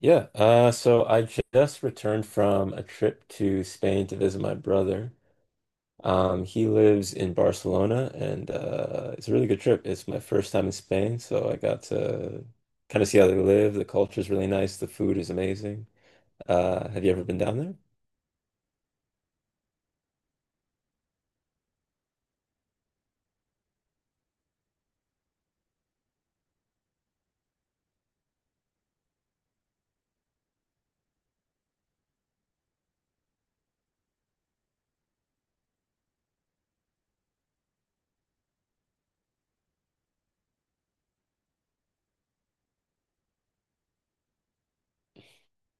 Yeah, so I just returned from a trip to Spain to visit my brother. He lives in Barcelona, and it's a really good trip. It's my first time in Spain, so I got to kind of see how they live. The culture is really nice. The food is amazing. Have you ever been down there?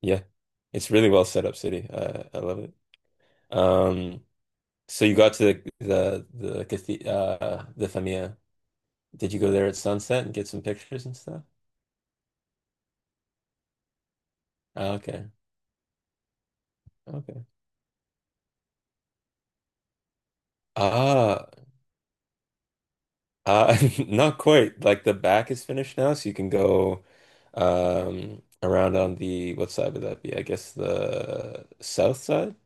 Yeah, it's really well set up city. I love it. Um, so you got to the Famia. Did you go there at sunset and get some pictures and stuff? Okay, okay. Ah, Uh, Not quite. Like the back is finished now, so you can go around on the what side would that be? I guess the south side.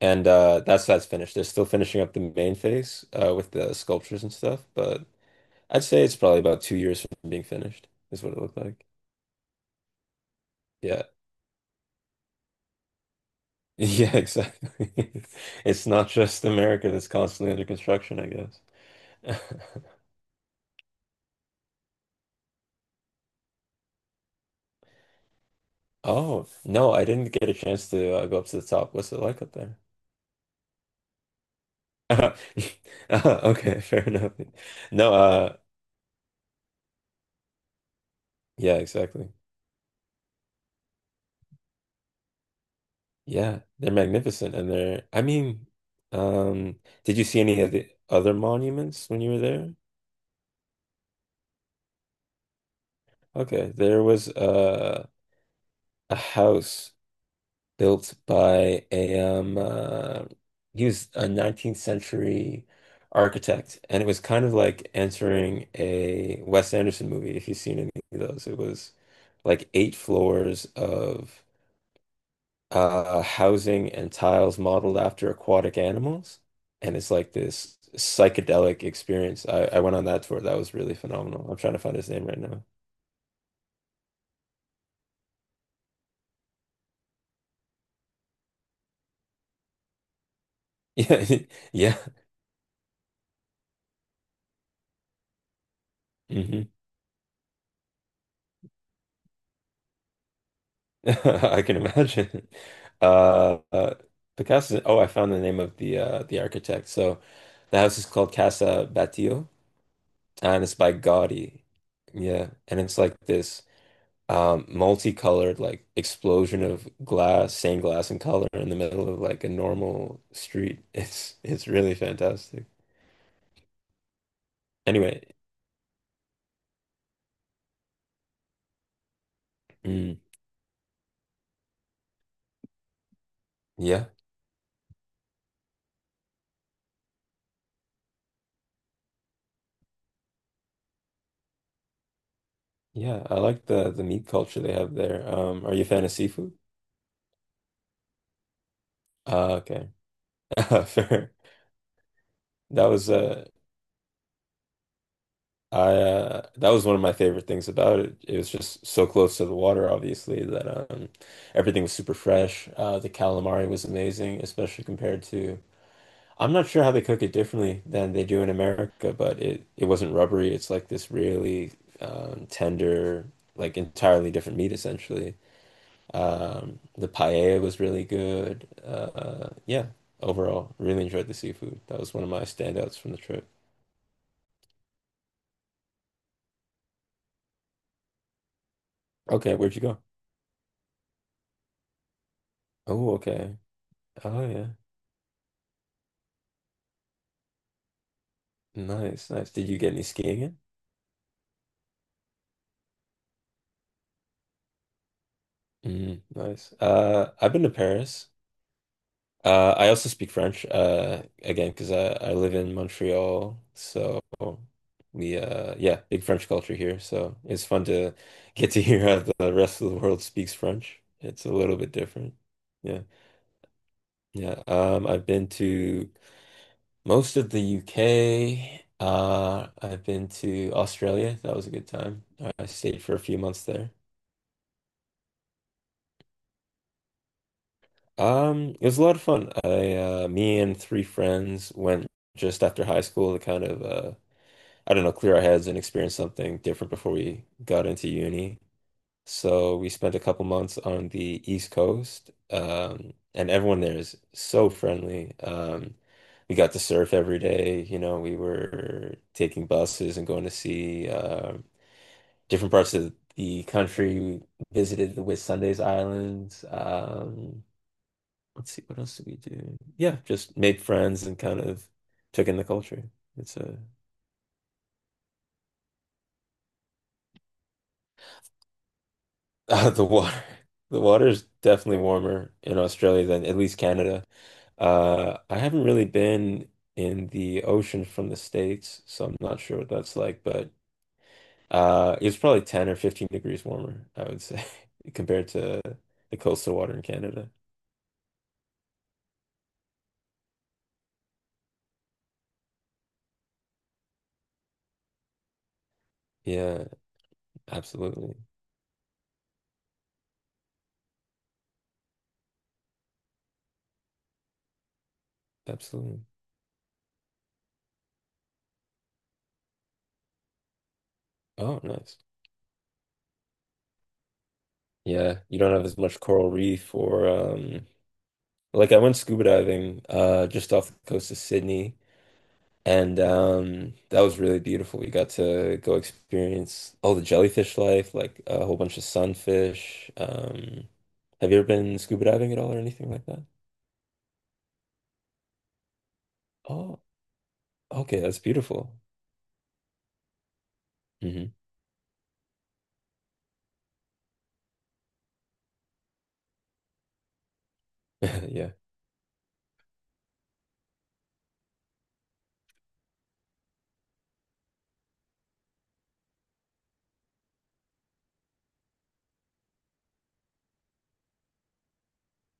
And that's finished. They're still finishing up the main face with the sculptures and stuff, but I'd say it's probably about 2 years from being finished is what it looked like. Yeah. Yeah, exactly. It's not just America that's constantly under construction, I guess. Oh, no, I didn't get a chance to go up to the top. What's it like up there? Uh, okay, fair enough. No, yeah, exactly. Yeah, they're magnificent, and they're. I mean, did you see any of the other monuments when you were there? Okay, there was a house built by a he was a 19th century architect, and it was kind of like entering a Wes Anderson movie, if you've seen any of those. It was like eight floors of housing and tiles modeled after aquatic animals. And it's like this psychedelic experience. I went on that tour. That was really phenomenal. I'm trying to find his name right now. Yeah. Yeah. Hmm. I can imagine. Uh, uh, Picasso. Oh, I found the name of the architect. So the house is called Casa Batlló and it's by Gaudi. Yeah. And it's like this, multicolored like explosion of glass, stained glass and color in the middle of like a normal street. It's really fantastic. Anyway, mm, yeah, yeah, I like the meat culture they have there. Are you a fan of seafood? Okay, fair. That was uh, that was one of my favorite things about it. It was just so close to the water, obviously, that everything was super fresh. The calamari was amazing, especially compared to. I'm not sure how they cook it differently than they do in America, but it wasn't rubbery. It's like this really tender, like entirely different meat essentially. The paella was really good. Yeah, overall, really enjoyed the seafood. That was one of my standouts from the trip. Okay, where'd you go? Oh, okay. Oh yeah, nice, nice. Did you get any skiing in? Mm, nice. I've been to Paris. I also speak French, again, because I live in Montreal, so we yeah, big French culture here. So it's fun to get to hear how the rest of the world speaks French. It's a little bit different. Yeah. Yeah. I've been to most of the UK. I've been to Australia. That was a good time. I stayed for a few months there. It was a lot of fun. I me and three friends went just after high school to kind of I don't know, clear our heads and experience something different before we got into uni. So we spent a couple months on the East Coast, and everyone there is so friendly. We got to surf every day. We were taking buses and going to see different parts of the country. We visited the Whitsundays Islands. Let's see, what else did we do? Yeah, just made friends and kind of took in the culture. It's a the water, the water is definitely warmer in Australia than at least Canada. I haven't really been in the ocean from the States, so I'm not sure what that's like, but it's probably 10 or 15 degrees warmer, I would say, compared to the coastal water in Canada. Yeah, absolutely. Absolutely. Oh, nice. Yeah, you don't have as much coral reef or like I went scuba diving just off the coast of Sydney. And that was really beautiful. We got to go experience all the jellyfish life, like a whole bunch of sunfish. Have you ever been scuba diving at all or anything like that? Oh, okay, that's beautiful. Hmm. Yeah.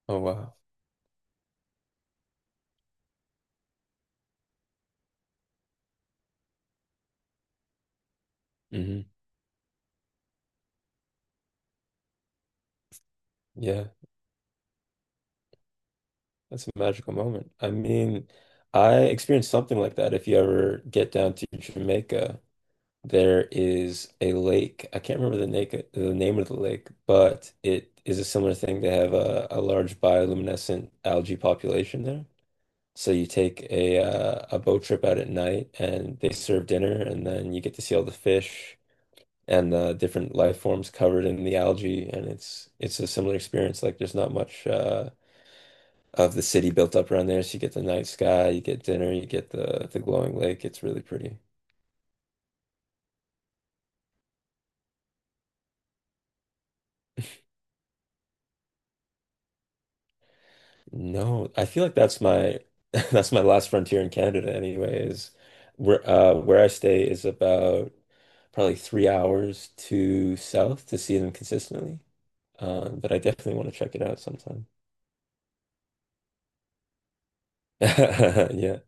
Oh, wow. Hmm. Yeah, that's a magical moment. I mean, I experienced something like that if you ever get down to Jamaica. There is a lake. I can't remember the name of the lake, but it is a similar thing. They have a large bioluminescent algae population there. So you take a boat trip out at night, and they serve dinner, and then you get to see all the fish and the different life forms covered in the algae, and it's a similar experience. Like there's not much of the city built up around there, so you get the night sky, you get dinner, you get the glowing lake. It's really pretty. No, I feel like that's my that's my last frontier in Canada anyways. Where I stay is about probably 3 hours to south to see them consistently. But I definitely want to check it out sometime. Yeah.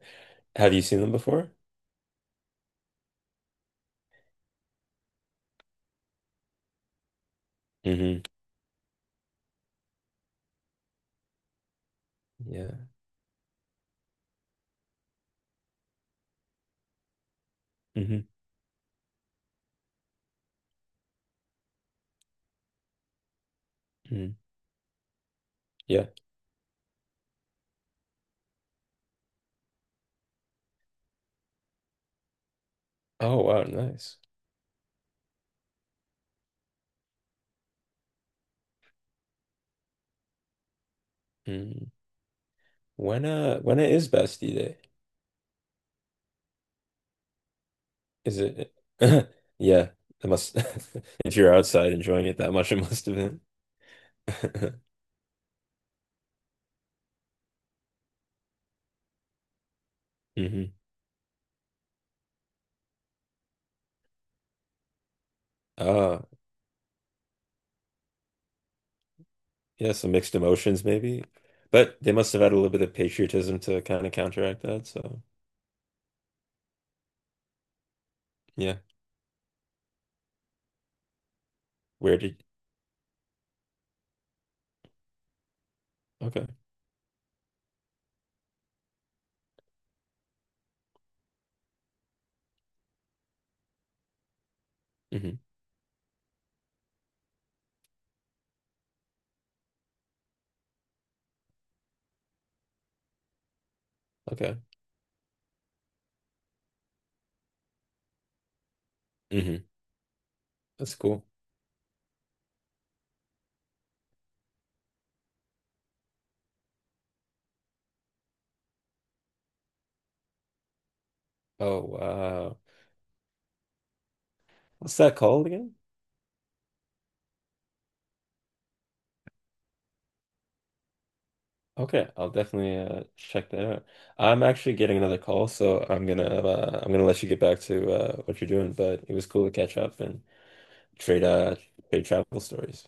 Have you seen them before? Hmm. Yeah. Hmm. Mm. Yeah. Oh wow, nice. Mm. When it is Bastille Day? Is it Yeah, it must if you're outside enjoying it that much, it must have been. Mhm. Uh, yeah, some mixed emotions maybe. But they must have had a little bit of patriotism to kind of counteract that. So, yeah. Where did Okay. Hmm. Okay. Hmm. That's cool. Oh, wow. What's that called again? Okay, I'll definitely check that out. I'm actually getting another call, so I'm gonna let you get back to what you're doing, but it was cool to catch up and trade uh trade travel stories.